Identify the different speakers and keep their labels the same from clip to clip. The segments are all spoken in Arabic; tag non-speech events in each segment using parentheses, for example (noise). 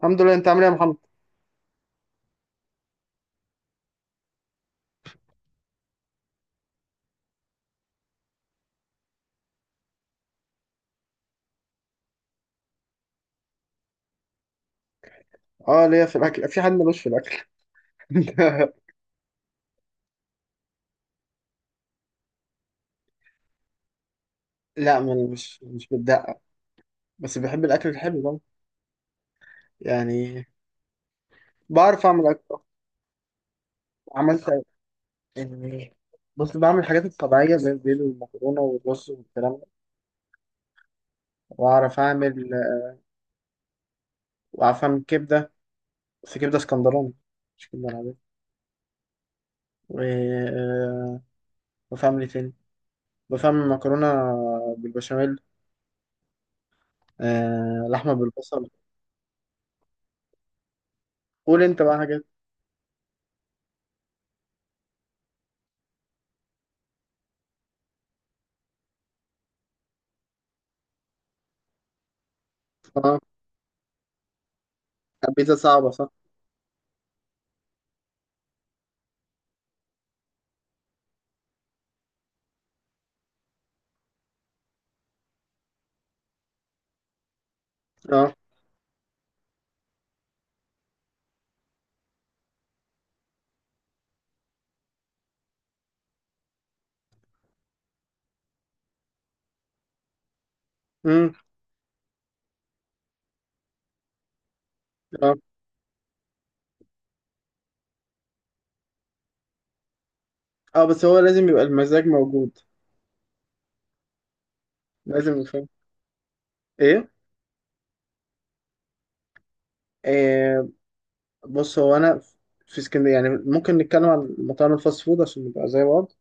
Speaker 1: الحمد لله. انت عامل ايه يا محمد؟ اه ليا في الاكل، في حد ملوش في الاكل؟ (laughs) لا، من مش مش بالدقه. بس بحب الاكل الحلو ده يعني. بعرف اعمل اكل. عملت يعني، بص بعمل الحاجات الطبيعيه زي البيض والمكرونه والرز والكلام ده، واعرف اعمل، واعرف اعمل كبده، بس كبده اسكندراني، مش كبده العاديه. و- آه، وفاهم ايه تاني؟ بفهم مكرونه بالبشاميل، لحمه بالبصل. قول انت بقى حاجات. اه، بيتزا صعبه صح. اه. امم. اه، بس هو لازم يبقى المزاج موجود، لازم يفهم. ايه؟ آه. بص هو انا في اسكندريه، يعني ممكن نتكلم عن مطاعم الفاست فود عشان نبقى زي بعض.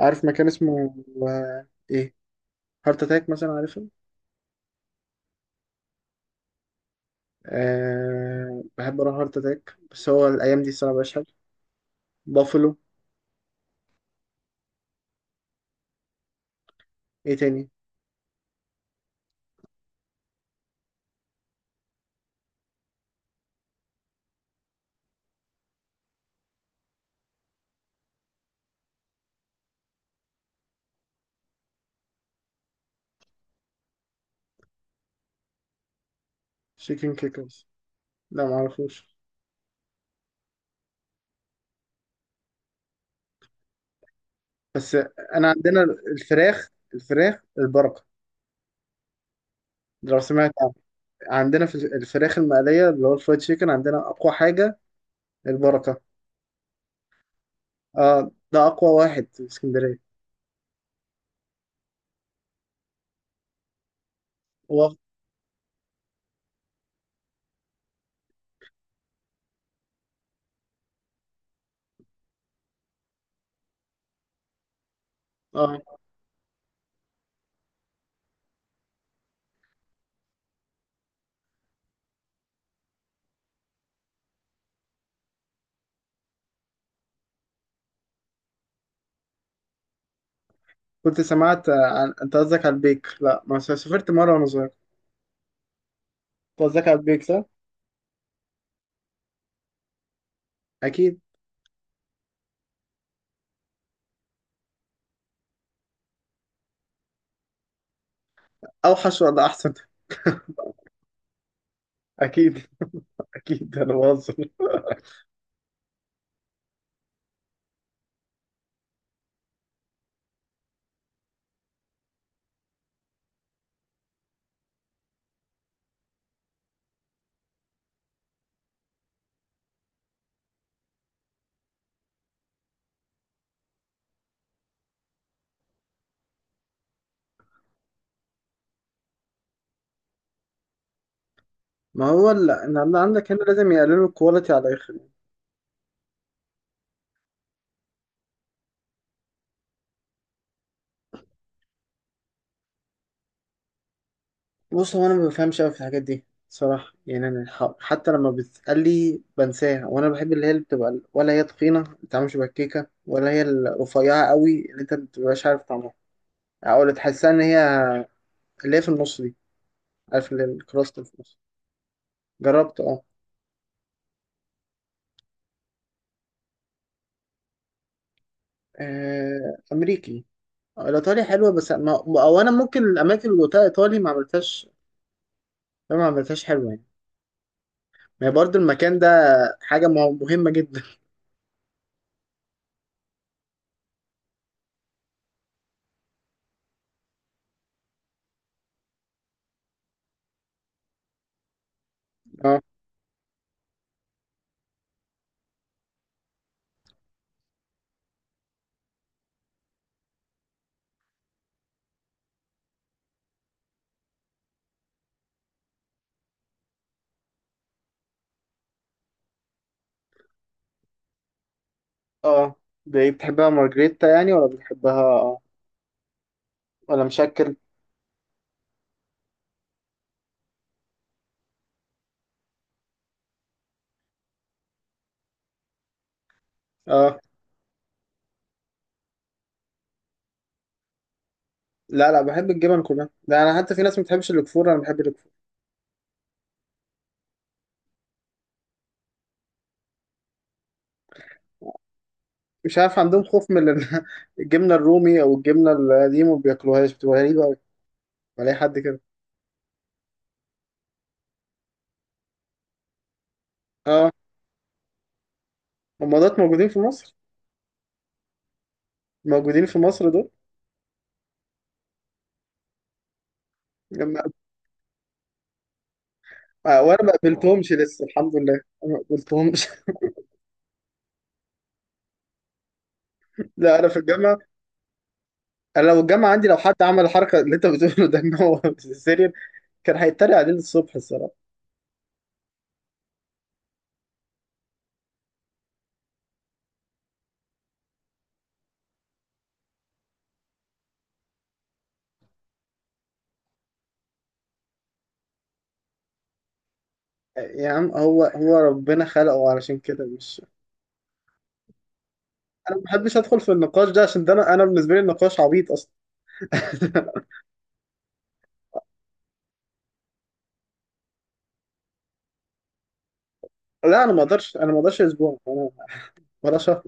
Speaker 1: عارف مكان اسمه ايه، هارت اتاك مثلا؟ عارفه؟ آه، بحب اروح هارت اتاك، بس هو الايام دي الصراحه مبقاش حلو. بافلو. ايه تاني؟ شيكن كيكرز؟ لا، معرفوش. بس انا عندنا الفراخ، البركه، لو سمعت عنها. عندنا في الفراخ المقليه اللي هو الفرايد شيكن، عندنا اقوى حاجه البركه. اه، ده اقوى واحد في اسكندريه. هو اه، كنت سمعت عن، انت قصدك على البيك؟ لا، ما س- سافرت مره وانا صغير. انت قصدك على البيك صح؟ اكيد. اوحش ولا احسن؟ (laughs) اكيد، اكيد انا بهزر. ما هو ان اللي عندك هنا لازم يقللوا الكواليتي على الاخر. بص هو انا ما بفهمش قوي في الحاجات دي صراحه، يعني انا حتى لما بتسالي بنساها. وانا بحب اللي هي اللي بتبقى ولا هي تخينه ما بتعملش بكيكه، ولا هي الرفيعه قوي اللي انت ما بتبقاش عارف طعمها، او اللي تحسها ان هي اللي هي في النص دي، عارف اللي الكراست اللي في النص. جربت اه. آه، امريكي. آه، الايطالي حلوه بس ما، او انا ممكن الاماكن اللي قلتها ايطالي ما عملتهاش ما عملتهاش حلوه يعني. ما هي برضه المكان ده حاجه مهمه جدا. (laughs) اه، اه، دي بتحبها مارجريتا يعني، ولا بتحبها اه ولا مشكل؟ اه. لا لا، بحب الجبن كلها، ده انا حتى في ناس ما بتحبش الكفور، انا بحب الكفور. مش عارف عندهم خوف من (laughs) الجبنه الرومي او الجبنه اللي دي ما بياكلوهاش، بتبقى غريبه قوي. بلاقي حد كده. اه، الممرضات موجودين في مصر. موجودين في مصر دول. لما آه، وانا ما اه قابلتهمش لسه، الحمد لله. أنا ما قابلتهمش. (laughs) لا، انا في الجامعه، انا لو الجامعه عندي، لو حد عمل الحركه اللي انت بتقوله ده ان هو (laughs) سيريال، كان هيتريق عليه الصبح الصراحه. آه، يا عم هو، هو ربنا خلقه علشان كده مش (laughs) انا ما بحبش ادخل في النقاش ده، عشان ده انا، انا بالنسبه لي النقاش عبيط اصلا. (laughs) لا انا ما اقدرش، انا ما اقدرش اسبوع انا، ولا شهر.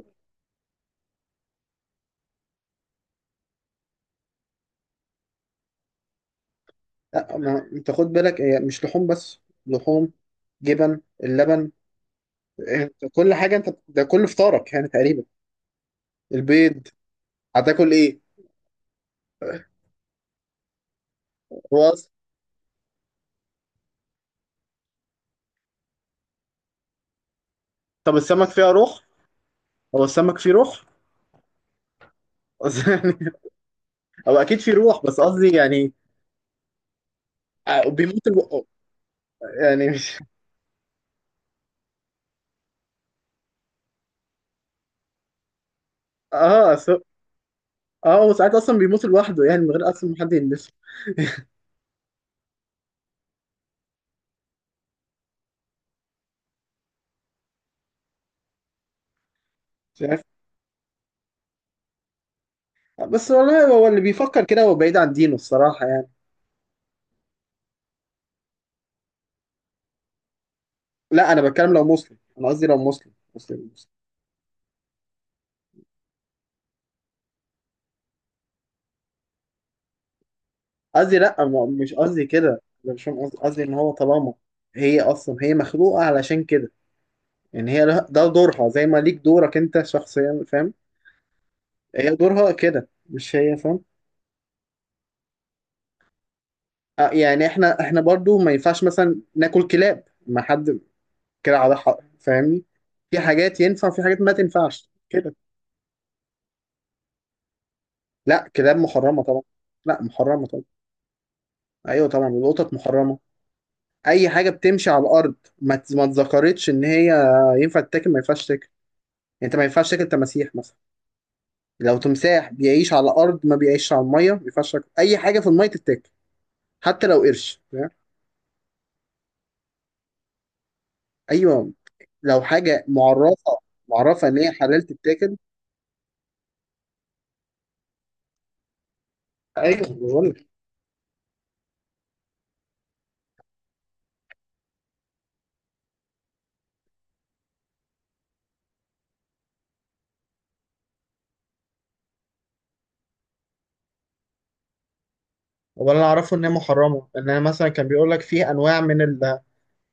Speaker 1: لا، ما انت خد بالك هي مش لحوم بس، لحوم، جبن، اللبن، انت كل حاجه، انت ده كل فطارك يعني تقريبا. البيض. هتاكل ايه؟ هو طب السمك فيها روح، هو السمك فيه روح. قصدي (laughs) يعني هو اكيد فيه روح، بس قصدي يعني، آه، بيموت يعني مش (laughs) اه اه هو ساعات اصلا بيموت لوحده يعني، من غير اصلا ما حد يلمسه. مش عارف، بس والله هو اللي بيفكر كده هو بعيد عن دينه الصراحه يعني. لا، انا بتكلم لو مسلم، انا قصدي لو مسلم، مسلم. قصدي لا، مش قصدي كده، أنا مش فاهم قصدي. قصدي ان هو طالما هي اصلا هي مخلوقه علشان كده، يعني ده دورها، زي ما ليك دورك انت شخصيا، فاهم؟ هي دورها كده مش هي، فاهم؟ آه، يعني احنا، احنا برضو ما ينفعش مثلا ناكل كلاب، ما حد كده على حق، فاهمني؟ في حاجات ينفع في حاجات ما تنفعش كده. لا، كلاب محرمة طبعا. لا محرمة طبعا. ايوه طبعا، والقطط محرمة. اي حاجة بتمشي على الارض ما اتذكرتش ان هي ينفع تتاكل ما ينفعش تاكل. يعني انت ما ينفعش تاكل تماسيح مثلا. لو تمساح بيعيش على الارض ما بيعيش على الميه، ما ينفعش تاكل اي حاجه في الميه تتاكل، حتى لو قرش، فاهم؟ ايوه، لو حاجه معرفه، معرفه ان هي حلال تتاكل. ايوه بقول لك. ولا انا اعرفه ان هي محرمه، ان انا مثلا كان بيقول لك في انواع من ال...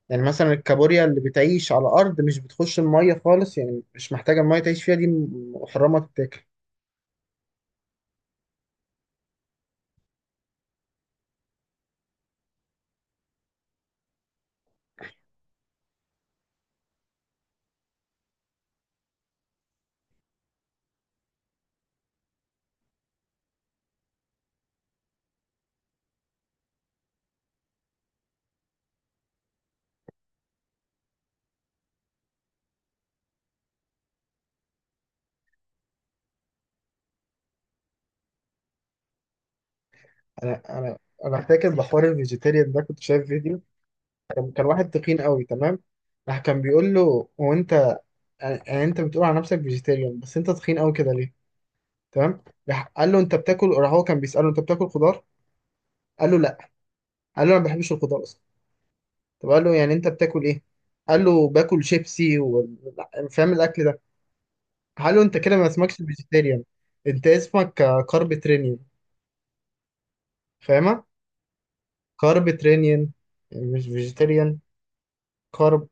Speaker 1: يعني مثلا الكابوريا اللي بتعيش على الارض مش بتخش الميه خالص، يعني مش محتاجه الميه تعيش فيها، دي محرمه تتاكل. انا، انا فاكر بحوار الفيجيتيريان ده كنت شايف فيديو، كان واحد تخين قوي، تمام؟ راح كان بيقول له هو، انت يعني انت بتقول على نفسك فيجيتيريان بس انت تخين قوي كده ليه؟ تمام؟ راح قال له انت بتاكل، راح هو كان بيساله انت بتاكل خضار. قال له لا، قال له انا ما بحبش الخضار اصلا. طب قال له يعني انت بتاكل ايه؟ قال له باكل شيبسي و... فاهم الاكل ده. قال له انت كده ما اسمكش فيجيتيريان، انت اسمك كاربيترينيان، فاهمه؟ كاربيترينيان مش فيجيتيريان. كارب.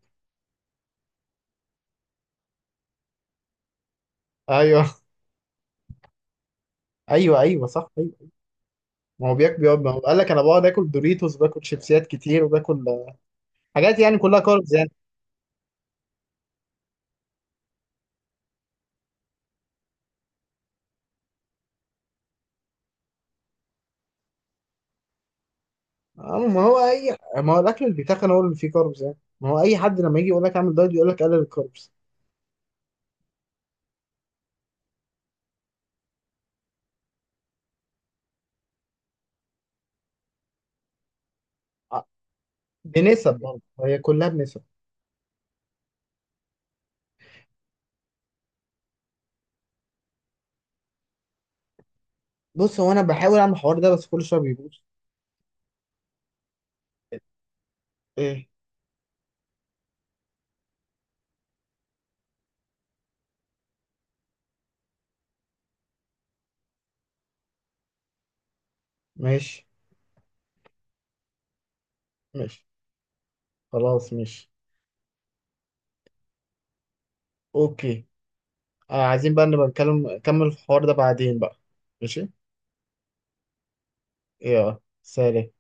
Speaker 1: ايوه. (laughs) ايوه، ايوه صح ايوه. ما هو بيقعد، ما هو قال لك انا بقعد اكل دوريتوس، باكل شيبسيات كتير، وباكل حاجات يعني كلها كاربز. آه، ما هو اي، ما هو الاكل اللي بيتخن هو اللي فيه كاربس، يعني ما هو اي حد لما يجي يقول لك اعمل دايت يقول لك قلل الكاربس. آه، بنسب، برضه هي كلها بنسب. بص هو انا بحاول اعمل الحوار ده بس كل شويه بيبوظ. ايه؟ ماشي. ماشي، خلاص ماشي. اوكي. آه، عايزين بقى نبقى نتكلم نكمل الحوار ده بعدين بقى. ماشي، يلا سلام.